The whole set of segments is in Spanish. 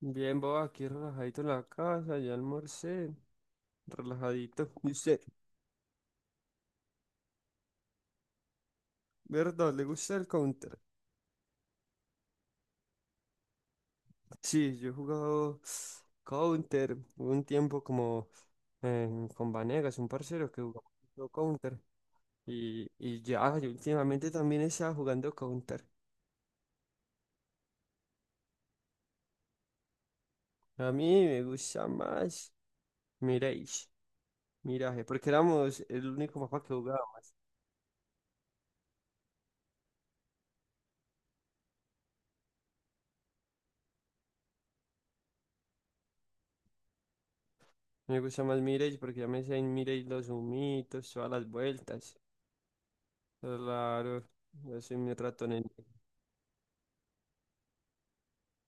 Bien, vos aquí relajadito en la casa, ya almorcé, relajadito. Y usted, ¿verdad? ¿Le gusta el Counter? Sí, yo he jugado Counter. Hubo un tiempo como eh, con Vanegas, un parcero que jugaba mucho Counter. Y ya, yo últimamente también estaba jugando Counter. A mí me gusta más Mirage, Mirage, porque éramos el único mapa que jugaba. Me gusta más Mirage porque ya me sé en Mirage los humitos, todas las vueltas. Claro, ese me ratón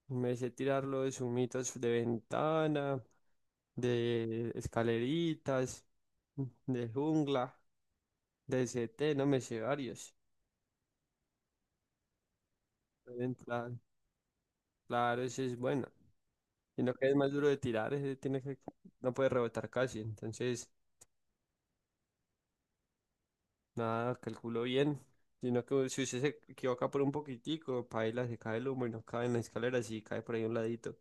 me sé tirarlo de sumitos de ventana, de escaleritas, de jungla, de CT, no me sé varios. En plan, claro, ese es bueno. Y lo que es más duro de tirar, ese tiene que, no puede rebotar casi. Entonces, nada, calculo bien. Sino que si usted se equivoca por un poquitico, paila, se cae el humo y no cae en la escalera, si cae por ahí a un ladito.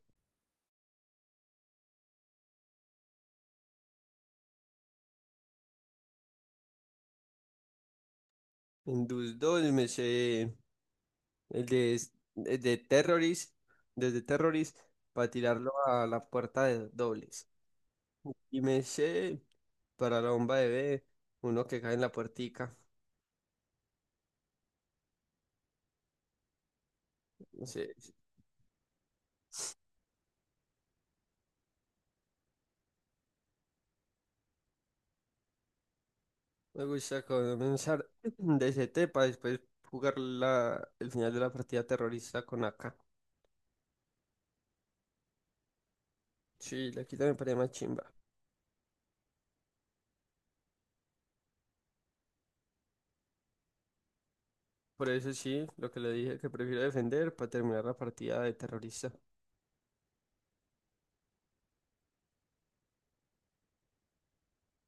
En Dus 2 me sé. El de Terrorist, desde Terrorist, para tirarlo a la puerta de dobles. Y me sé para la bomba de B, uno que cae en la puertica. No sé, me gusta comenzar DCT para después jugar el final de la partida terrorista con AK. Sí, la quita me parece más chimba. Por eso sí, lo que le dije que prefiero defender para terminar la partida de terrorista.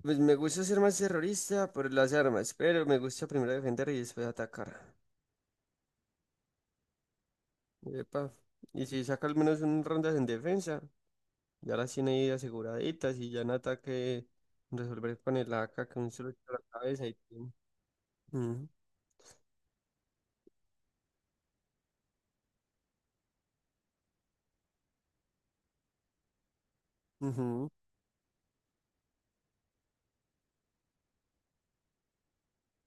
Pues me gusta ser más terrorista por las armas, pero me gusta primero defender y después atacar. Epa. Y si saca al menos unas rondas en defensa, ya las tiene ahí aseguraditas y ya en ataque resolver con el AK que un solo tiro a la cabeza y pum. Ujú, ujú.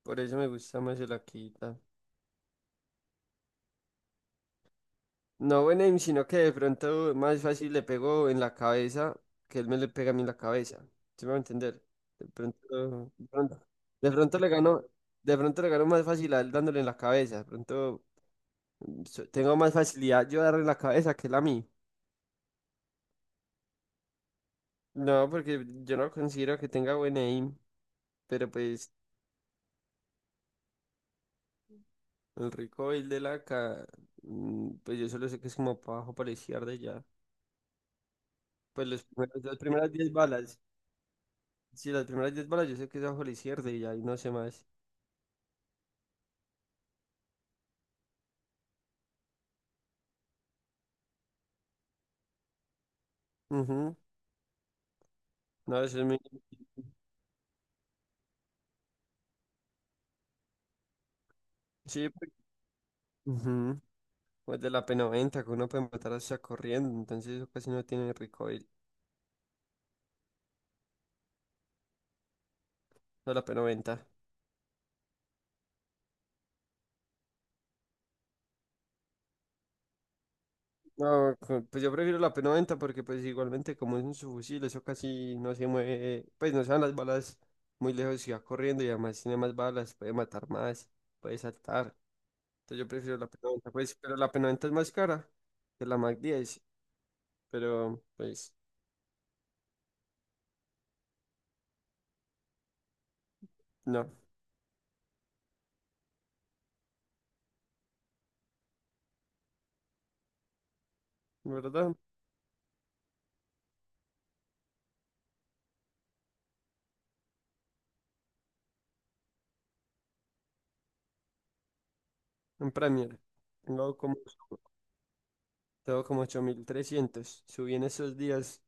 Por eso me gusta más el Akita. No buen aim, sino que de pronto más fácil le pego en la cabeza que él me le pega a mí en la cabeza. ¿Sí me va a entender? De pronto, de pronto, de pronto le gano, de pronto le gano más fácil a él dándole en la cabeza. De pronto tengo más facilidad yo darle en la cabeza que él a mí. No, porque yo no considero que tenga buen aim, pero pues el recoil de la K, mm, pues yo solo sé que es como para abajo, para la izquierda y ya. Pues los las primeras 10 balas, sí, las primeras 10 balas yo sé que es abajo a la izquierda y ya, y no sé más. Ujú, no, eso es muy... Sí, ujú, pues de la P90, que uno puede matar hasta corriendo, entonces eso casi no tiene recoil, no la P90. No, pues yo prefiero la P90 porque pues igualmente como es un subfusil, eso casi no se mueve, pues no se van las balas muy lejos y va corriendo y además tiene más balas, puede matar más, puede saltar. Entonces yo prefiero la P90, pues, pero la P90 es más cara que la Mac 10, pero pues no, ¿verdad? En Premier, tengo como, tengo como 8.300 subí en esos días.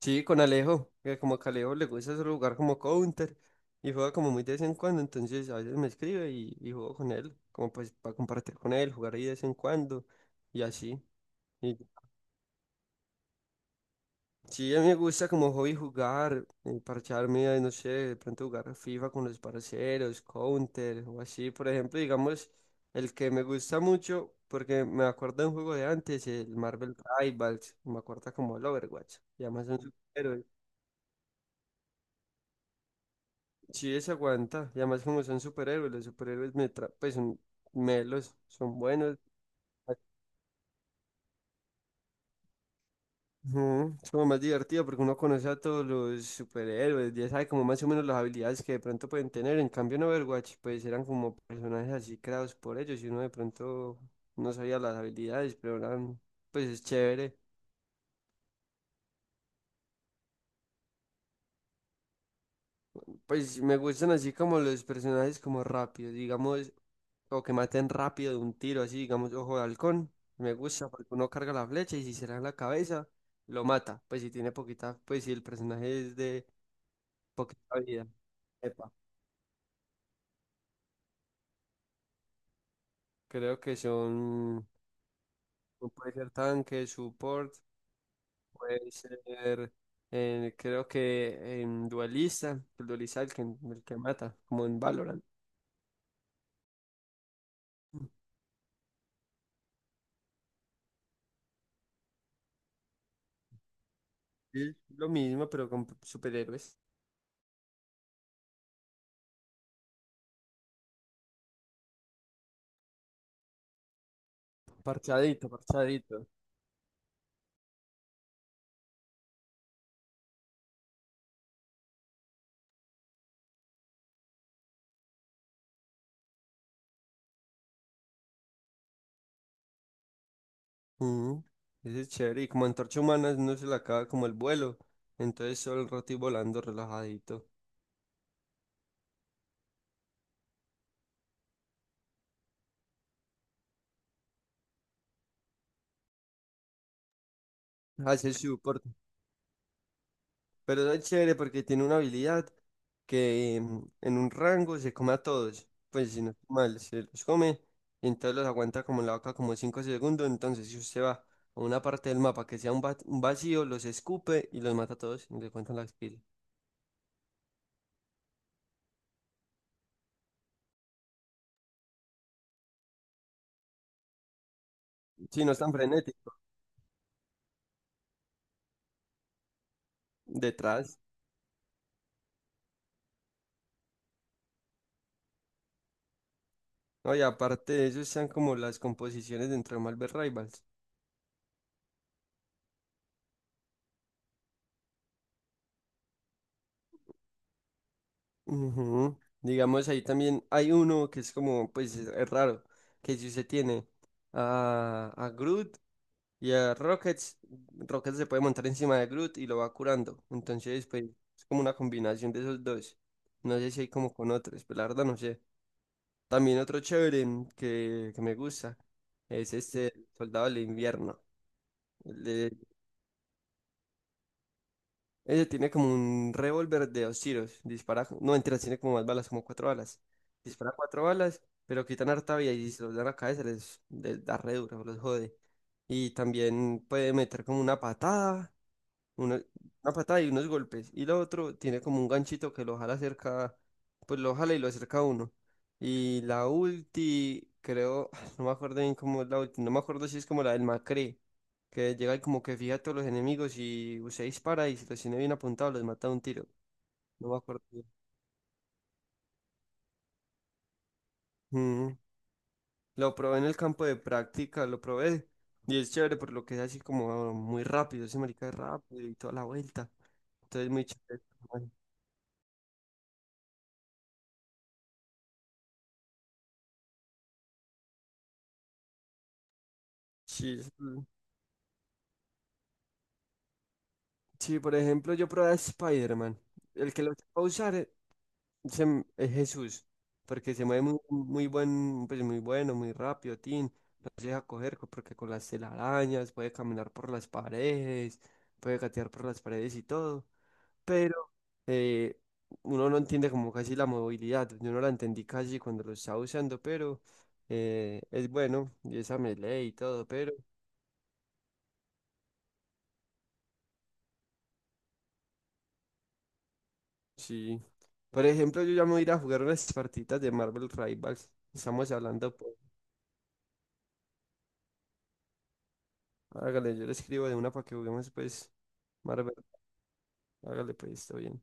Sí, con Alejo, que como que a Alejo le gusta ese lugar como counter y juega como muy de vez en cuando, entonces a veces me escribe y juego con él, como pues para compartir con él, jugar ahí de vez en cuando y así. Y sí, a mí me gusta como hobby jugar, parcharme, no sé, de pronto jugar FIFA con los parceros, counter o así. Por ejemplo, digamos, el que me gusta mucho, porque me acuerdo de un juego de antes, el Marvel Rivals, me acuerdo como el Overwatch, y además son sí, se aguanta. Y además como son superhéroes, los superhéroes pues son melos, son buenos. Ujú, es como más divertido porque uno conoce a todos los superhéroes, ya sabe como más o menos las habilidades que de pronto pueden tener. En cambio en Overwatch pues eran como personajes así creados por ellos y uno de pronto no sabía las habilidades, pero eran pues es chévere. Pues me gustan así como los personajes como rápidos, digamos o que maten rápido de un tiro, así, digamos, ojo de halcón. Me gusta porque uno carga la flecha y si se le da en la cabeza, lo mata. Pues si tiene poquita, pues si el personaje es de poquita vida. Epa. Creo que son, no puede ser tanque, support, puede ser, creo que en duelista, el duelista el que mata, como en Valorant. Sí, lo mismo, pero con superhéroes. Parchadito, parchadito. Mm, ese es chévere. Y como antorcha humana no se le acaba como el vuelo. Entonces solo el rato y volando relajadito. Hace su corto. Pero es chévere porque tiene una habilidad que mm, en un rango se come a todos. Pues si no estoy mal, se los come. Y entonces los aguanta como la boca como 5 segundos. Entonces si usted va a una parte del mapa que sea un vacío, los escupe y los mata a todos. Y le cuentan las pilas. Si no es tan frenético. Detrás. No, y aparte de eso están como las composiciones dentro de Marvel Rivals. Ujú. Digamos, ahí también hay uno que es como, pues es raro, que si usted tiene a Groot y a Rockets, Rockets se puede montar encima de Groot y lo va curando. Entonces, pues es como una combinación de esos dos. No sé si hay como con otros, pero la verdad no sé. También otro chévere que me gusta es este Soldado del Invierno. Ella tiene como un revólver de dos tiros. Dispara, no, mentira, tiene como más balas, como cuatro balas. Dispara cuatro balas, pero quitan harta vida y se los dan a la cabeza, les da re duro, los jode. Y también puede meter como una patada una, una patada y unos golpes. Y lo otro tiene como un ganchito que lo jala cerca, pues lo jala y lo acerca a uno. Y la ulti, creo, no me acuerdo bien cómo es la ulti, no me acuerdo si es como la del Macré, que llega y como que fija a todos los enemigos y usted dispara y si los tiene bien apuntados los mata de un tiro. No me acuerdo bien. Mm, lo probé en el campo de práctica, lo probé. Y es chévere por lo que es así como muy rápido, ese marica es rápido y toda la vuelta. Entonces muy chévere. Como, sí, sí, por ejemplo, yo probé a Spider-Man. El que lo va a usar es Jesús, porque se mueve muy, muy buen, pues muy bueno, muy rápido, tin. No se deja coger porque con las telarañas puede caminar por las paredes, puede gatear por las paredes y todo. Pero eh, uno no entiende como casi la movilidad. Yo no la entendí casi cuando lo estaba usando, pero es bueno, y esa melee y todo, pero. Sí. Por ejemplo, yo ya me voy a ir a jugar unas partitas de Marvel Rivals. Estamos hablando, pues. Hágale, yo le escribo de una para que juguemos, pues. Marvel, hágale, pues, está bien.